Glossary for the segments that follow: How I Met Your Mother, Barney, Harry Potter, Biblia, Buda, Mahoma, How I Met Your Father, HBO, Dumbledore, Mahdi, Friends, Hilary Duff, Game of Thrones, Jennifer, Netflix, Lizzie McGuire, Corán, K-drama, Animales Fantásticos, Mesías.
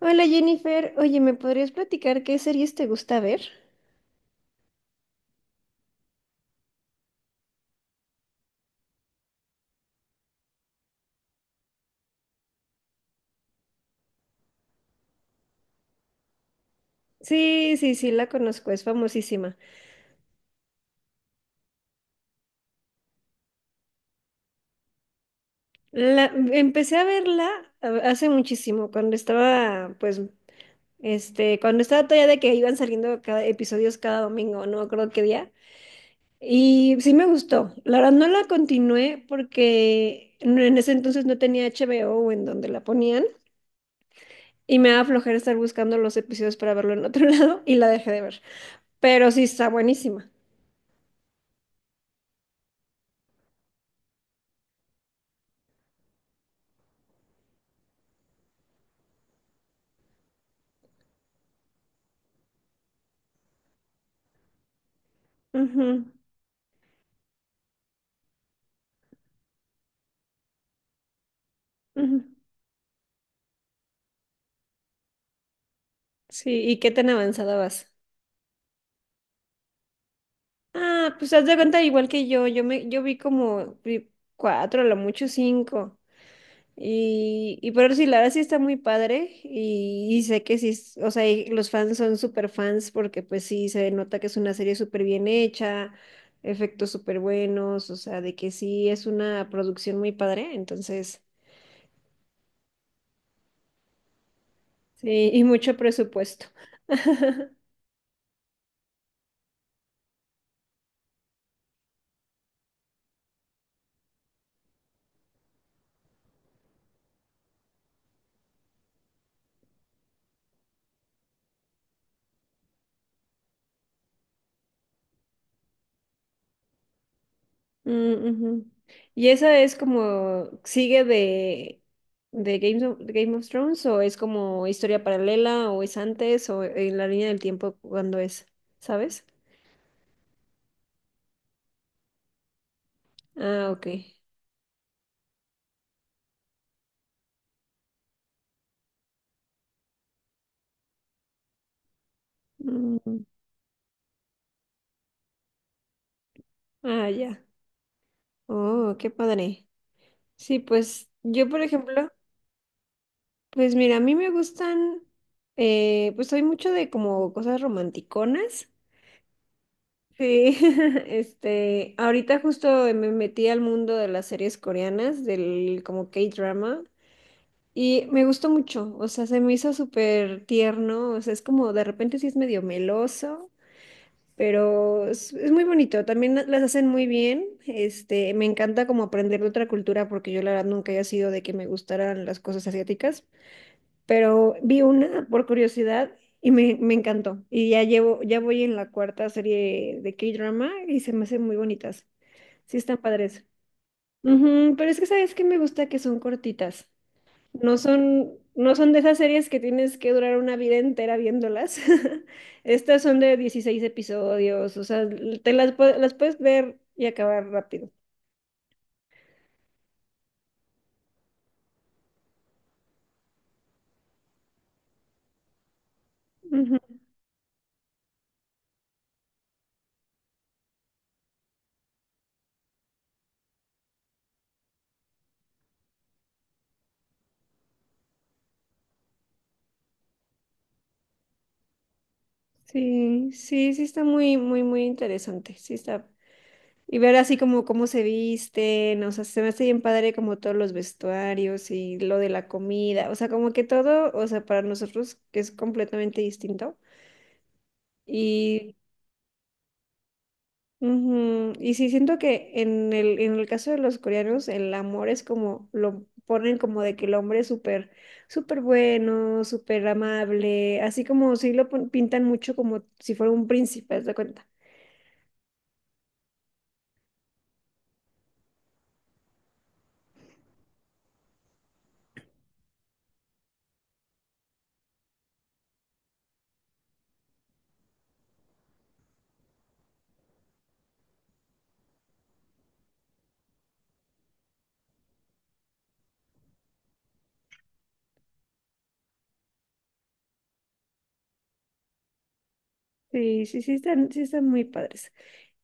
Hola Jennifer, oye, ¿me podrías platicar qué series te gusta ver? Sí, sí, sí, la conozco, es famosísima. La, empecé a verla hace muchísimo, pues, cuando estaba todavía de que iban saliendo episodios cada domingo, no me acuerdo qué día. Y sí me gustó. La verdad no la continué porque en ese entonces no tenía HBO o en donde la ponían y me daba flojera estar buscando los episodios para verlo en otro lado y la dejé de ver. Pero sí está buenísima. Ujú. Ujú. Sí, ¿y qué tan avanzada vas? Ah, pues haz de cuenta igual que yo vi como vi cuatro, a lo mucho cinco. Y pero sí, la verdad sí está muy padre. Y sé que sí, o sea, y los fans son súper fans porque pues sí se nota que es una serie súper bien hecha, efectos súper buenos, o sea, de que sí es una producción muy padre, entonces, sí, y mucho presupuesto. Mm, ujú. ¿Y esa es como, sigue de Game of Thrones o es como historia paralela o es antes o en la línea del tiempo cuando es, ¿sabes? Ah, ok. Mm, ah, ya. Oh, qué padre. Sí, pues yo, por ejemplo, pues mira, a mí me gustan, pues soy mucho de como cosas romanticonas. Sí, ahorita justo me metí al mundo de las series coreanas, del como K-drama, y me gustó mucho, o sea, se me hizo súper tierno, o sea, es como de repente sí es medio meloso, pero es muy bonito, también las hacen muy bien, me encanta como aprender de otra cultura, porque yo la verdad nunca había sido de que me gustaran las cosas asiáticas pero vi una por curiosidad y me encantó. Y ya llevo, ya voy en la cuarta serie de K-drama y se me hacen muy bonitas. Sí están padres. Ujú, pero es que sabes que me gusta que son cortitas. No son de esas series que tienes que durar una vida entera viéndolas. Estas son de 16 episodios, o sea, las puedes ver y acabar rápido. Ujú. Sí, sí, sí está muy, muy, muy interesante. Sí está. Y ver así como cómo se visten, o sea, se me hace bien padre como todos los vestuarios y lo de la comida, o sea, como que todo, o sea, para nosotros que es completamente distinto. Y, ujú, y sí siento que en el caso de los coreanos, el amor es como, lo ponen como de que el hombre es súper, súper bueno, súper amable, así como sí lo pintan mucho como si fuera un príncipe, ¿te das cuenta? Sí, sí, sí están muy padres.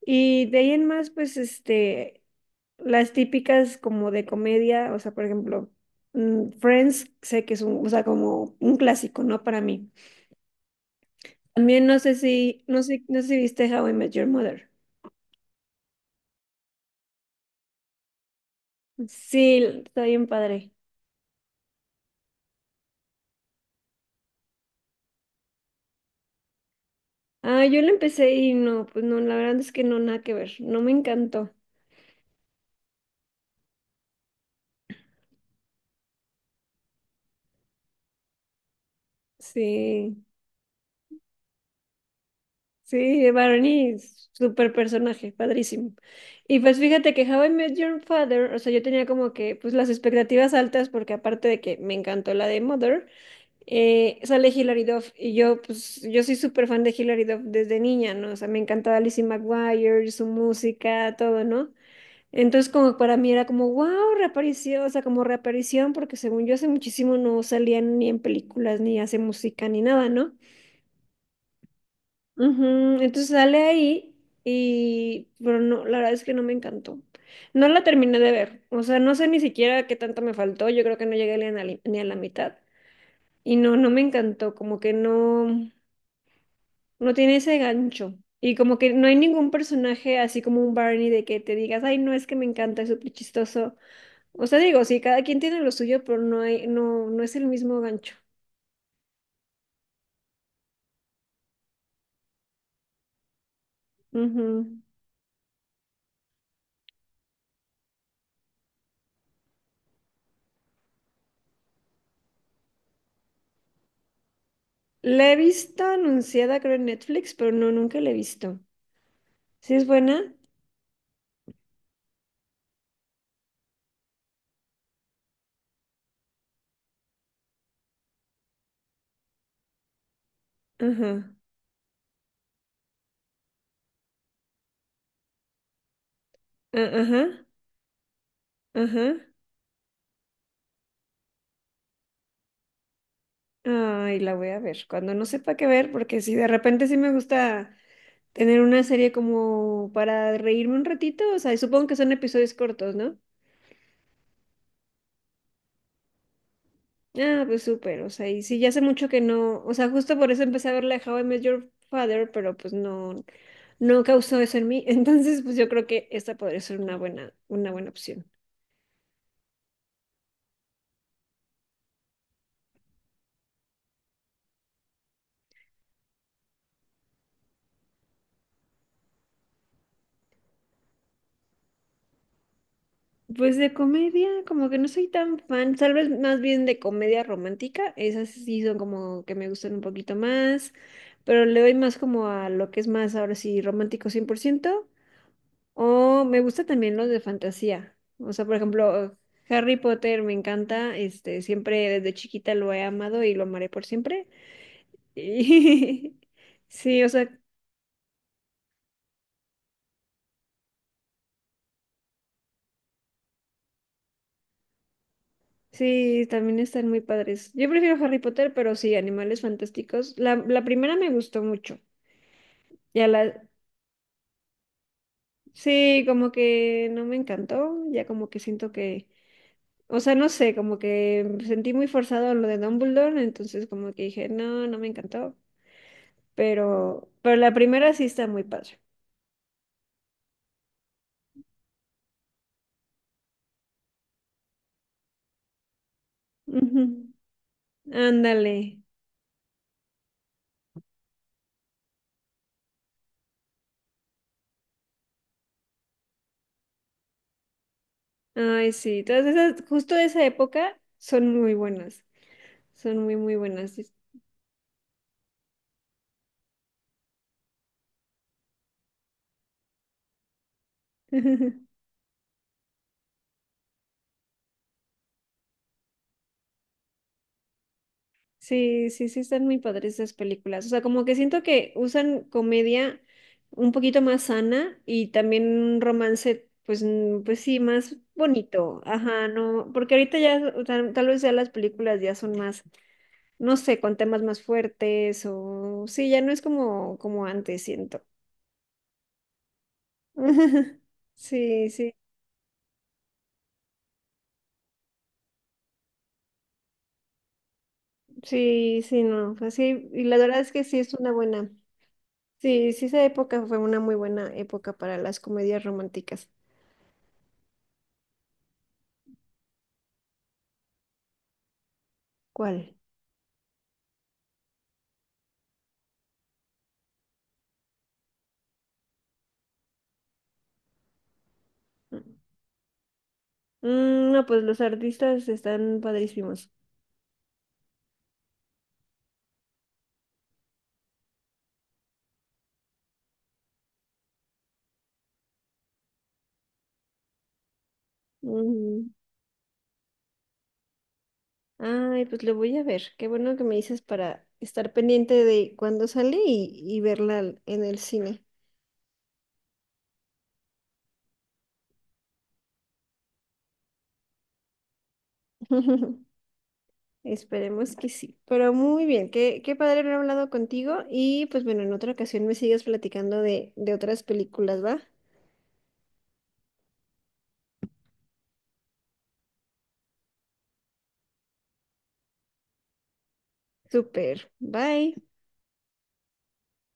Y de ahí en más, pues, las típicas como de comedia, o sea, por ejemplo, Friends, sé que es un, o sea, como un clásico, ¿no? Para mí. También no sé si viste How I Met Your Mother. Sí, está bien padre. Ah, yo lo empecé y no, pues no, la verdad es que no, nada que ver, no me encantó. Sí. Sí, Barney, súper personaje, padrísimo. Y pues fíjate que How I Met Your Father, o sea, yo tenía como que pues las expectativas altas porque aparte de que me encantó la de Mother, sale Hilary Duff y yo pues yo soy súper fan de Hilary Duff desde niña, ¿no? O sea, me encantaba Lizzie McGuire, su música, todo, ¿no? Entonces como para mí era como, wow, reaparición, o sea, como reaparición porque según yo hace muchísimo no salían ni en películas, ni hace música, ni nada, ¿no? Ujú, entonces sale ahí pero no, la verdad es que no me encantó. No la terminé de ver, o sea, no sé ni siquiera qué tanto me faltó, yo creo que no llegué ni a la mitad. Y no, no me encantó, como que no, no tiene ese gancho. Y como que no hay ningún personaje así como un Barney de que te digas, ay, no es que me encanta, es súper chistoso. O sea, digo, sí, cada quien tiene lo suyo, pero no hay, no, no es el mismo gancho. Ujú. La he visto anunciada, creo, en Netflix, pero no, nunca la he visto. ¿Sí es buena? Ajá, ajá, ajá. Ay, la voy a ver. Cuando no sepa qué ver, porque si de repente sí me gusta tener una serie como para reírme un ratito, o sea, y supongo que son episodios cortos, ¿no? Ah, pues súper, o sea, y sí, ya hace mucho que no, o sea, justo por eso empecé a ver la de How I Met Your Father, pero pues no, no causó eso en mí, entonces pues yo creo que esta podría ser una buena opción. Pues de comedia, como que no soy tan fan, tal vez más bien de comedia romántica, esas sí son como que me gustan un poquito más, pero le doy más como a lo que es más ahora sí romántico 100% o me gusta también los de fantasía, o sea, por ejemplo, Harry Potter me encanta, siempre desde chiquita lo he amado y lo amaré por siempre. Y sí, o sea, sí, también están muy padres. Yo prefiero Harry Potter, pero sí, Animales Fantásticos. La primera me gustó mucho. Ya la, sí, como que no me encantó, ya como que siento que, o sea, no sé, como que sentí muy forzado lo de Dumbledore, entonces como que dije, no, no me encantó, pero la primera sí está muy padre. Ujú. Ándale. Ay, sí, todas esas, justo de esa época son muy buenas, son muy, muy buenas. Sí, sí, sí, están muy padres esas películas. O sea, como que siento que usan comedia un poquito más sana y también un romance, pues, pues sí, más bonito. Ajá, no, porque ahorita ya, o sea, tal vez ya las películas ya son más, no sé, con temas más fuertes o sí, ya no es como, antes, siento. Sí, sí, sí, sí, no. Así, y la verdad es que sí es una buena. Sí, sí, esa época fue una muy buena época para las comedias románticas. ¿Cuál? Mm, no, pues los artistas están padrísimos. Ujú. Ay, pues lo voy a ver. Qué bueno que me dices para estar pendiente de cuándo sale y verla en el cine. Esperemos que sí. Pero muy bien, qué padre haber hablado contigo y pues bueno, en otra ocasión me sigas platicando de otras películas, ¿va? Súper. Bye.